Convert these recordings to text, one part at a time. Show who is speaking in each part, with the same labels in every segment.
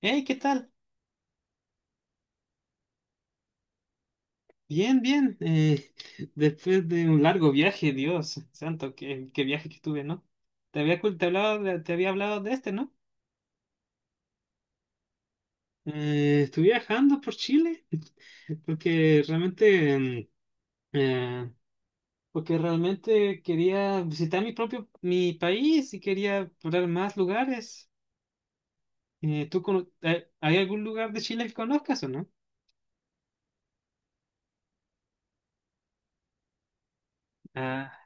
Speaker 1: Hey, ¿qué tal? Bien, bien. Después de un largo viaje, Dios santo, qué viaje que tuve, ¿no? Te había hablado de este, ¿no? Estuve viajando por Chile porque eh, realmente quería visitar mi propio mi país y quería explorar más lugares. ¿Hay algún lugar de Chile que conozcas o no? Ah,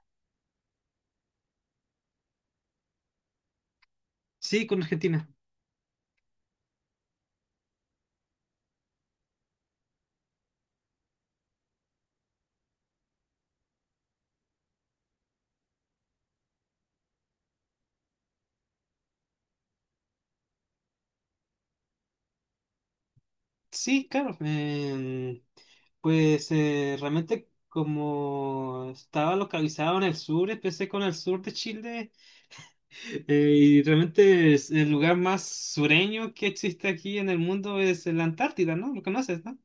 Speaker 1: sí, con Argentina. Sí, claro. Pues realmente, como estaba localizado en el sur, empecé con el sur de Chile. Y realmente, es el lugar más sureño que existe aquí en el mundo es la Antártida, ¿no? ¿Lo conoces, no?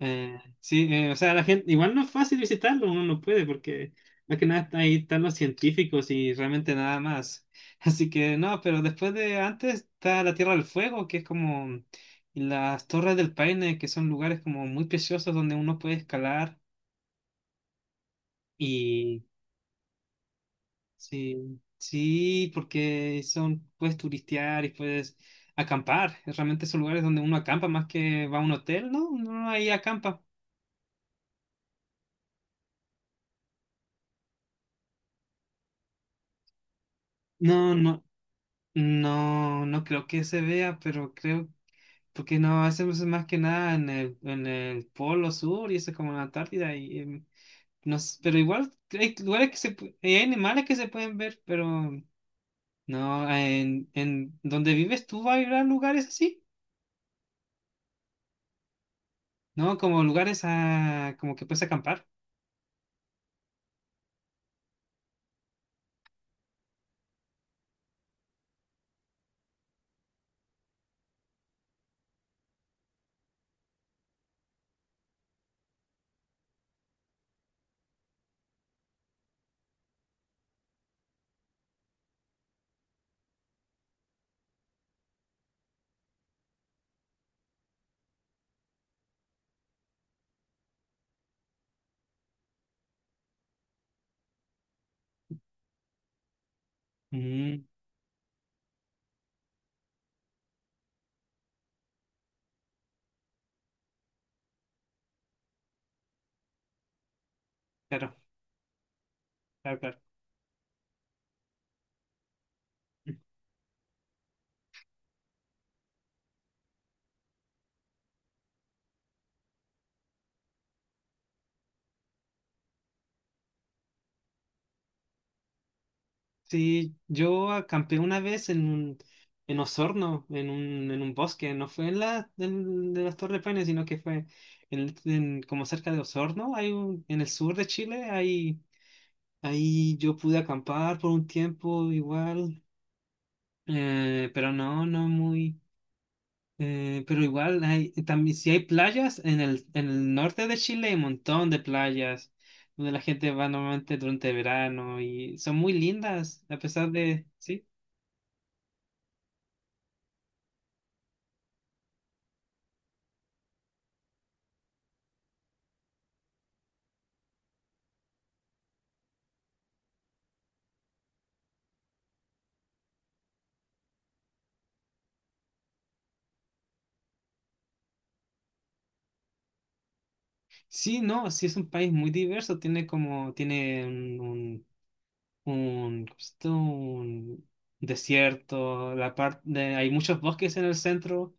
Speaker 1: Sí, o sea, la gente, igual no es fácil visitarlo, uno no puede, porque más que nada está- ahí están los científicos y realmente nada más. Así que no, pero después de antes está la Tierra del Fuego, que es como las Torres del Paine, que son lugares como muy preciosos donde uno puede escalar y sí, sí, porque son, puedes turistear y puedes acampar. Realmente son lugares donde uno acampa más que va a un hotel, ¿no? Uno ahí acampa. No, no. No, no creo que se vea, pero creo, porque no, hacemos más que nada en el Polo Sur y eso es como en la Antártida y no sé, pero igual hay lugares hay animales que se pueden ver, pero no, en donde vives tú va a haber lugares así, ¿no? Como lugares a, como que puedes acampar. Mm, claro, claro, claro. Sí, yo acampé una vez en un, en Osorno, en un bosque. No fue en de las Torres Paine, sino que fue en, como cerca de Osorno, hay un, en el sur de Chile. Ahí, ahí yo pude acampar por un tiempo igual, pero no, no muy, pero igual hay, también si hay playas, en el norte de Chile hay un montón de playas, donde la gente va normalmente durante verano y son muy lindas, a pesar de, sí. Sí, no, sí es un país muy diverso, tiene como, tiene un, ¿cómo se llama? Un desierto, la parte hay muchos bosques en el centro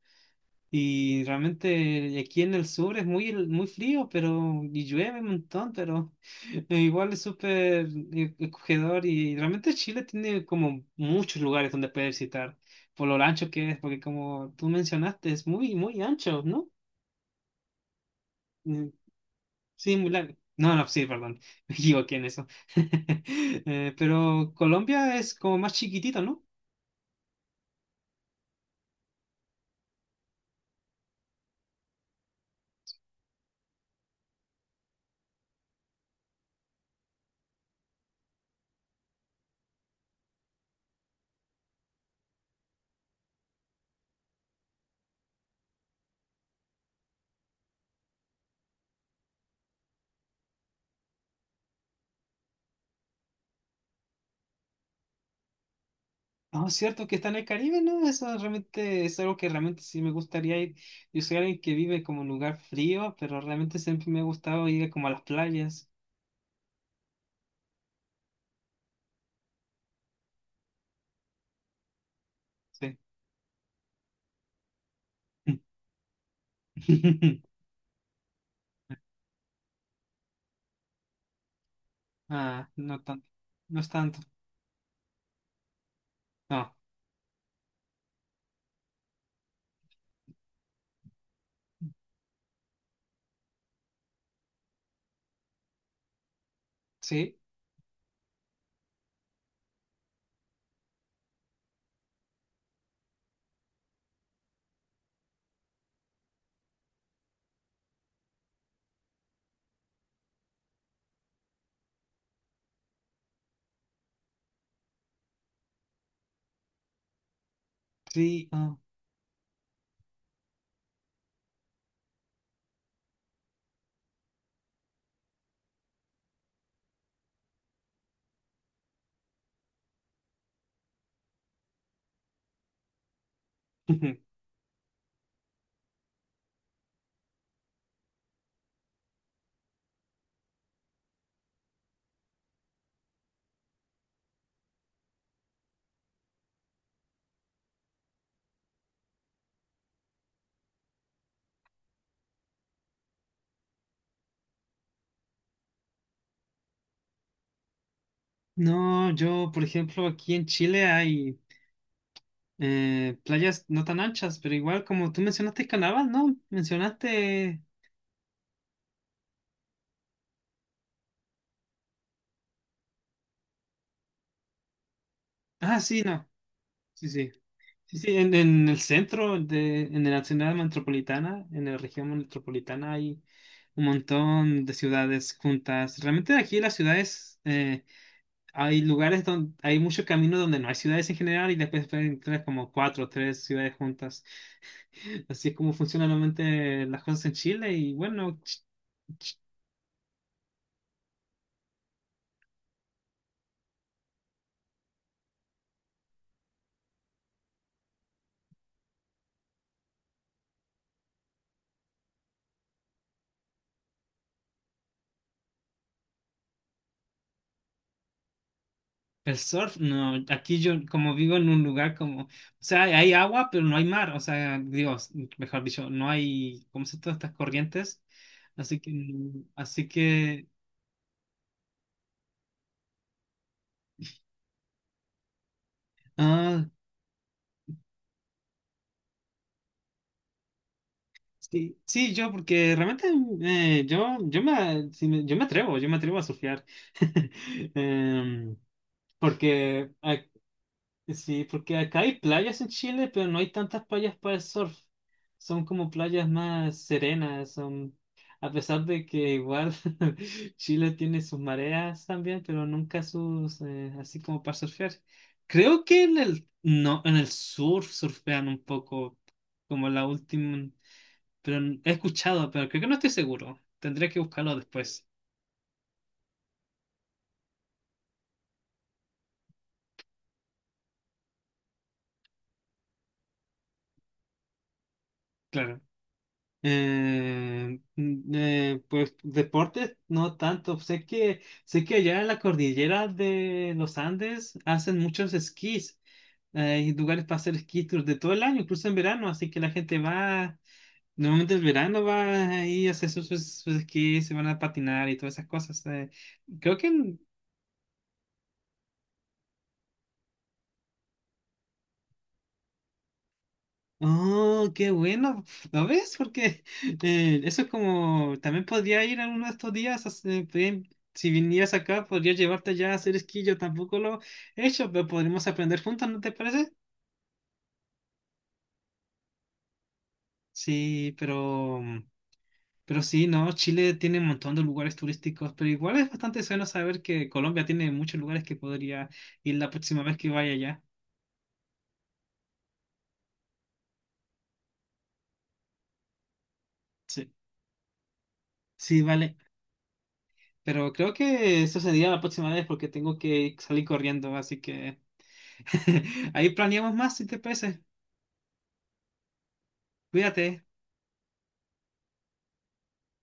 Speaker 1: y realmente aquí en el sur es muy, muy frío, pero y llueve un montón, pero igual es súper acogedor y realmente Chile tiene como muchos lugares donde puedes visitar por lo ancho que es, porque como tú mencionaste, es muy, muy ancho, ¿no? Sí, muy largo. No, no, sí, perdón. Me equivoqué en eso. Pero Colombia es como más chiquitito, ¿no? Ah, cierto que está en el Caribe, ¿no? Eso realmente es algo que realmente sí me gustaría ir. Yo soy alguien que vive como en un lugar frío, pero realmente siempre me ha gustado ir como a las playas. Sí. Ah, no tanto. No es tanto. No. Sí, sí. Ah. No, yo, por ejemplo, aquí en Chile hay. Playas no tan anchas, pero igual como tú mencionaste Canavas, ¿no? Mencionaste... Ah, sí, no. Sí, sí. Sí, sí, en el centro, de, en la ciudad metropolitana, en la región metropolitana hay un montón de ciudades juntas. Realmente aquí las ciudades, hay lugares donde hay muchos caminos donde no hay ciudades en general y después pueden encontrar como cuatro o tres ciudades juntas. Así es como funcionan normalmente las cosas en Chile y bueno, el surf, no, aquí yo como vivo en un lugar como, o sea, hay agua, pero no hay mar, o sea, digo, mejor dicho, no hay, ¿cómo se todas estas corrientes? Así que, así que, ah, sí, sí, yo, porque realmente yo me atrevo a surfear. Em, porque Sí, porque acá hay playas en Chile, pero no hay tantas playas para el surf. Son como playas más serenas, son... A pesar de que igual Chile tiene sus mareas también, pero nunca sus... así como para surfear. Creo que en el... No, en el sur surfean un poco, como la última... He escuchado, pero creo que no estoy seguro. Tendría que buscarlo después, claro. Pues deportes no tanto. Sé que allá en la cordillera de los Andes hacen muchos esquís. Hay lugares para hacer esquí tours de todo el año, incluso en verano, así que la gente va, normalmente el verano va ahí a hacer sus esquís, se van a patinar y todas esas cosas. Creo que oh, qué bueno. ¿Lo ves? Porque eso es como, también podría ir a uno de estos días, a ven, si vinieras acá, podría llevarte ya a hacer esquí. Yo tampoco lo he hecho, pero podríamos aprender juntos, ¿no te parece? Sí, pero sí, no, Chile tiene un montón de lugares turísticos, pero igual es bastante bueno saber que Colombia tiene muchos lugares que podría ir la próxima vez que vaya allá. Sí, sí, vale. Pero creo que eso sería la próxima vez porque tengo que salir corriendo, así que... Ahí planeamos más si te parece. Cuídate.